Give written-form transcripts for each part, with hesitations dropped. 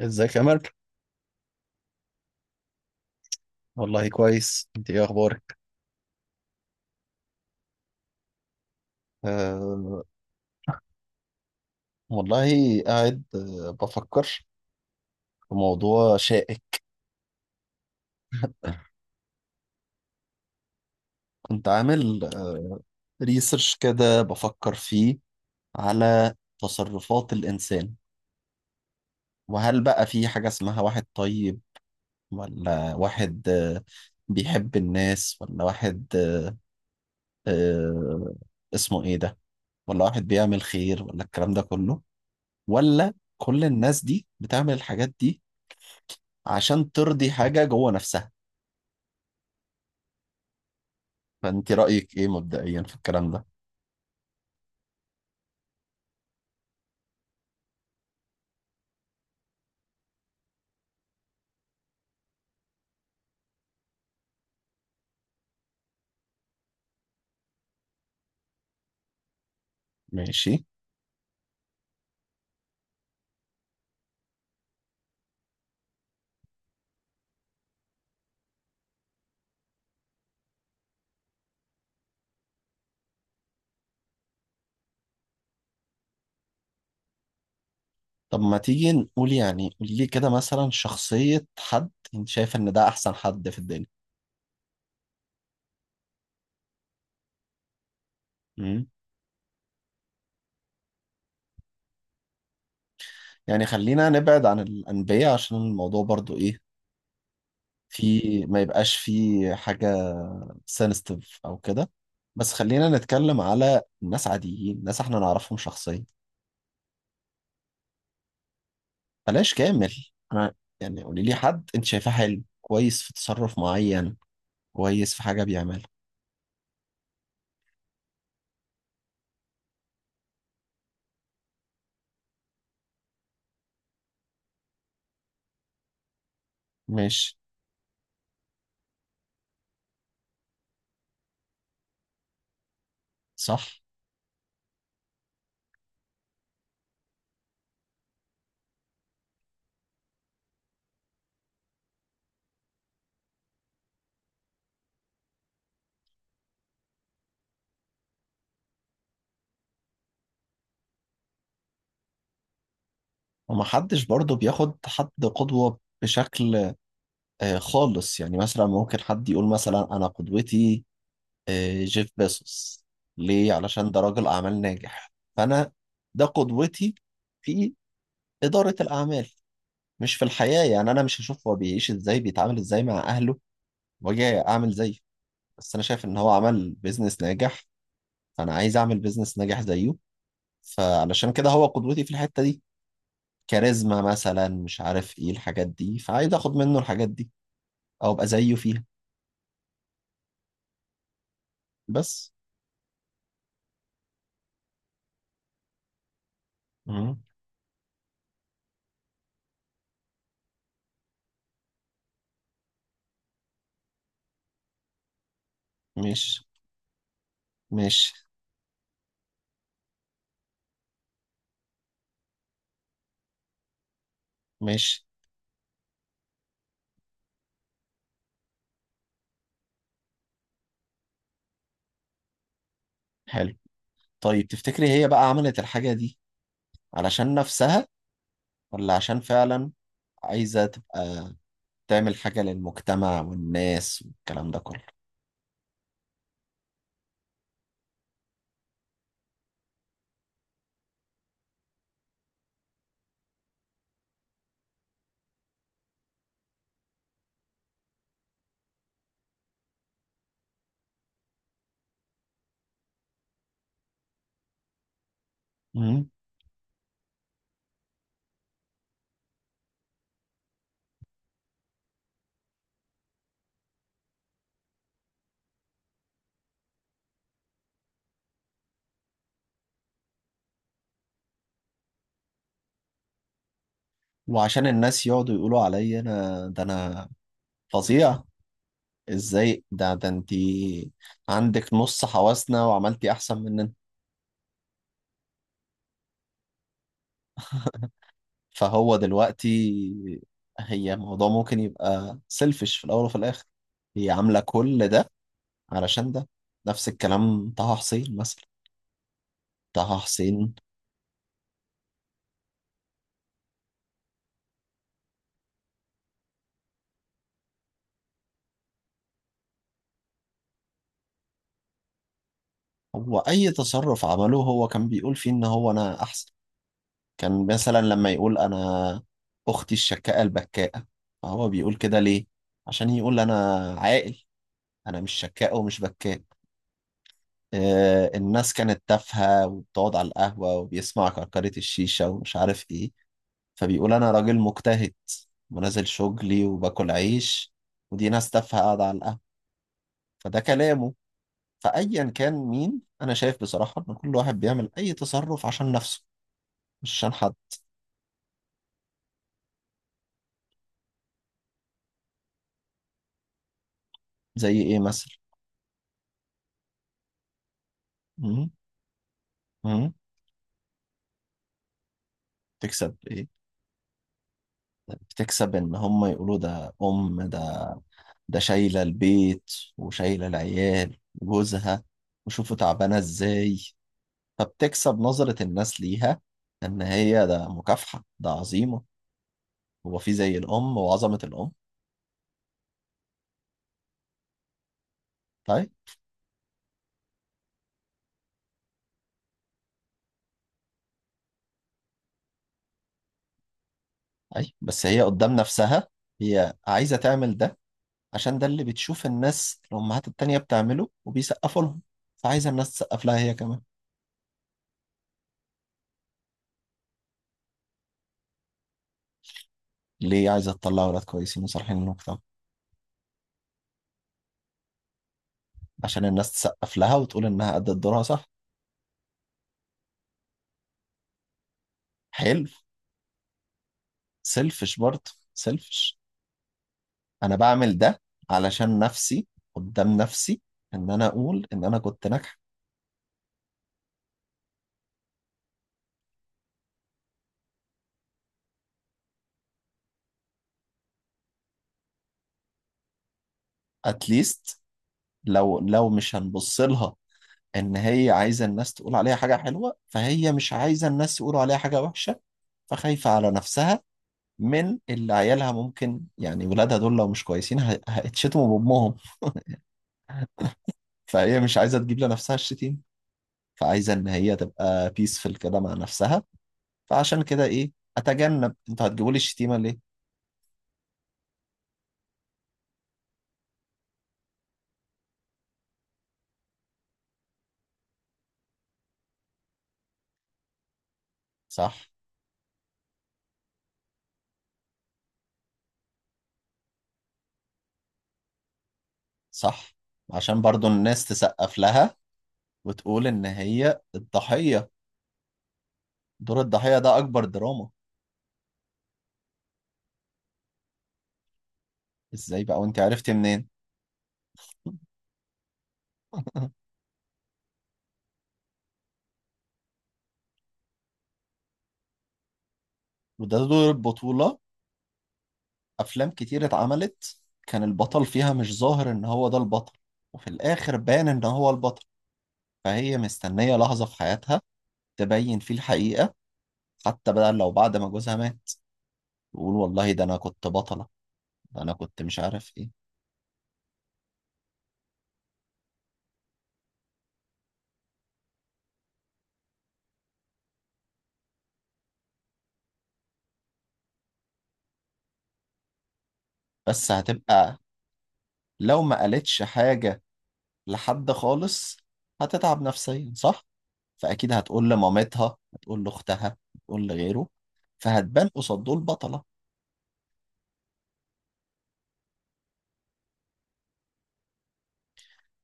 ازيك يا أمل؟ والله كويس. انت ايه اخبارك؟ أه. والله قاعد بفكر في موضوع شائك. كنت عامل ريسيرش كده، بفكر فيه على تصرفات الانسان. وهل بقى في حاجة اسمها واحد طيب، ولا واحد بيحب الناس، ولا واحد أه اسمه ايه ده، ولا واحد بيعمل خير، ولا الكلام ده كله، ولا كل الناس دي بتعمل الحاجات دي عشان ترضي حاجة جوه نفسها؟ فانت رأيك ايه مبدئيا في الكلام ده؟ ماشي. طب ما تيجي نقول، يعني قولي لي كده مثلا، شخصية حد انت شايف ان ده احسن حد في الدنيا. امم. يعني خلينا نبعد عن الأنبياء عشان الموضوع برضو ايه، في، ما يبقاش فيه حاجة سنستيف او كده. بس خلينا نتكلم على ناس عاديين، ناس احنا نعرفهم شخصيا. بلاش كامل. انا يعني قولي لي حد انت شايفاه حلو، كويس في تصرف معين، كويس في حاجة بيعملها. ماشي. صح. ومحدش برضه بياخد حد قدوة بشكل خالص، يعني مثلا ممكن حد يقول مثلا أنا قدوتي جيف بيزوس. ليه؟ علشان ده راجل أعمال ناجح، فأنا ده قدوتي في إدارة الأعمال، مش في الحياة. يعني أنا مش هشوف هو بيعيش إزاي، بيتعامل إزاي مع أهله، وأجي أعمل زيه. بس أنا شايف إن هو عمل بيزنس ناجح، فأنا عايز أعمل بيزنس ناجح زيه. فعلشان كده هو قدوتي في الحتة دي. كاريزما مثلا، مش عارف إيه الحاجات دي، فعايز آخد منه الحاجات دي او ابقى زيه فيها. بس. مم. ماشي. ماشي. ماشي. حلو. طيب تفتكري هي بقى عملت الحاجة دي علشان نفسها، ولا عشان فعلا عايزة تبقى تعمل حاجة للمجتمع والناس والكلام ده كله؟ مم. وعشان الناس يقعدوا يقولوا عليا، انا ده انا. فظيع. ازاي ده انتي عندك نص حواسنا وعملتي احسن مننا. فهو دلوقتي، هي الموضوع ممكن يبقى سيلفش في الأول وفي الآخر. هي عاملة كل ده علشان ده. نفس الكلام طه حسين مثلا. طه حسين. هو أي تصرف عمله، هو كان بيقول فيه إن هو أنا أحسن. كان مثلا لما يقول أنا أختي الشكاءة البكاءة، فهو بيقول كده ليه؟ عشان يقول أنا عاقل، أنا مش شكاء ومش بكاء. الناس كانت تافهة، وبتقعد على القهوة وبيسمع كركرة الشيشة ومش عارف إيه، فبيقول أنا راجل مجتهد ونازل شغلي وباكل عيش، ودي ناس تافهة قاعدة على القهوة. فده كلامه. فأيا كان مين، أنا شايف بصراحة إن كل واحد بيعمل أي تصرف عشان نفسه، مش عشان حد. زي إيه مثلا؟ م؟ م؟ تكسب إيه؟ بتكسب إن هم يقولوا ده أم، ده ده شايلة البيت وشايلة العيال وجوزها، وشوفوا تعبانة إزاي. فبتكسب نظرة الناس ليها إن هي ده مكافحة، ده عظيمة. هو في زي الأم وعظمة الأم. طيب. أي بس هي قدام نفسها، هي عايزة تعمل ده عشان ده اللي بتشوف الناس الأمهات التانية بتعمله وبيسقفوا لهم، فعايزة الناس تسقف لها هي كمان. ليه عايزة تطلع ولاد كويسين وصالحين للمجتمع؟ عشان الناس تسقف لها وتقول إنها أدت دورها صح. حلو. سيلفش برضه سيلفش. أنا بعمل ده علشان نفسي، قدام نفسي، إن أنا أقول إن أنا كنت ناجحة. أتليست لو مش هنبص لها ان هي عايزه الناس تقول عليها حاجه حلوه، فهي مش عايزه الناس يقولوا عليها حاجه وحشه، فخايفه على نفسها. من اللي عيالها ممكن، يعني ولادها دول لو مش كويسين هيتشتموا بامهم. فهي مش عايزه تجيب لنفسها الشتيم، فعايزه ان هي تبقى بيسفل كده مع نفسها. فعشان كده ايه، اتجنب، انتوا هتجيبوا لي الشتيمه ليه؟ صح. صح. عشان برضو الناس تسقف لها وتقول ان هي الضحيه، دور الضحيه ده اكبر دراما. ازاي بقى وانت عرفتي منين؟ وده دور البطولة. أفلام كتير اتعملت كان البطل فيها مش ظاهر إن هو ده البطل، وفي الآخر بان إن هو البطل. فهي مستنية لحظة في حياتها تبين فيه الحقيقة، حتى بقى لو بعد ما جوزها مات تقول والله ده أنا كنت بطلة، ده أنا كنت مش عارف إيه. بس هتبقى لو ما قالتش حاجة لحد خالص، هتتعب نفسيا صح؟ فأكيد هتقول لمامتها، هتقول لأختها، هتقول لغيره، فهتبان قصاد دول بطلة.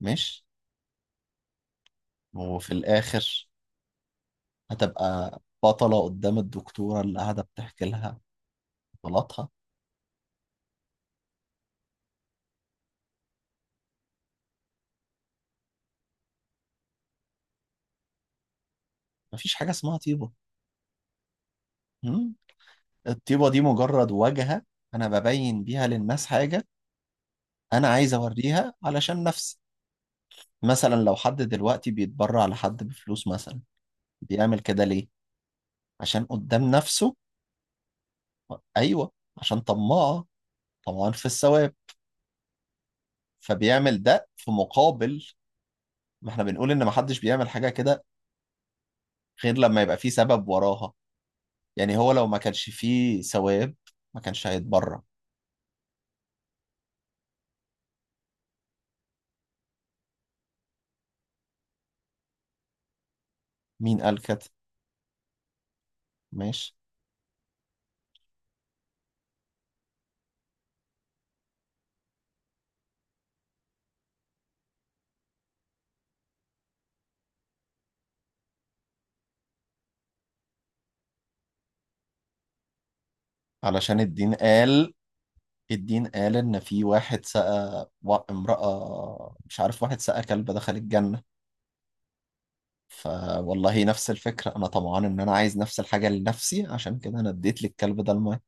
مش وفي الآخر هتبقى بطلة قدام الدكتورة اللي قاعدة بتحكي لها بطلاتها. مفيش حاجة اسمها طيبة. مم؟ الطيبة دي مجرد واجهة. أنا ببين بيها للناس حاجة، أنا عايز أوريها علشان نفسي. مثلا لو حد دلوقتي بيتبرع لحد بفلوس مثلا، بيعمل كده ليه؟ عشان قدام نفسه. أيوه. عشان طماعة، طمعان في الثواب. فبيعمل ده في مقابل. ما احنا بنقول إن محدش بيعمل حاجة كده غير لما يبقى فيه سبب وراها. يعني هو لو ما كانش فيه ثواب، ما كانش هيتبرع. مين قال كده؟ ماشي. علشان الدين قال. الدين قال ان في واحد سقى امرأة، مش عارف، واحد سقى كلب دخل الجنة. فوالله نفس الفكرة، انا طمعان ان انا عايز نفس الحاجة لنفسي، عشان كده انا اديت للكلب ده الماء.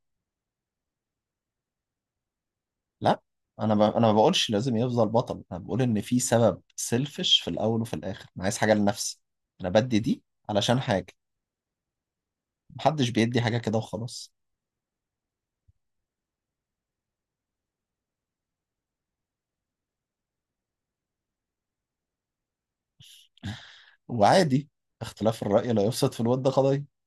لا، انا ما بقولش لازم يفضل بطل، انا بقول ان في سبب سيلفش في الاول وفي الاخر، انا عايز حاجة لنفسي. انا بدي دي علشان حاجة، محدش بيدي حاجة كده وخلاص. وعادي، اختلاف الرأي لا يفسد في الود قضية.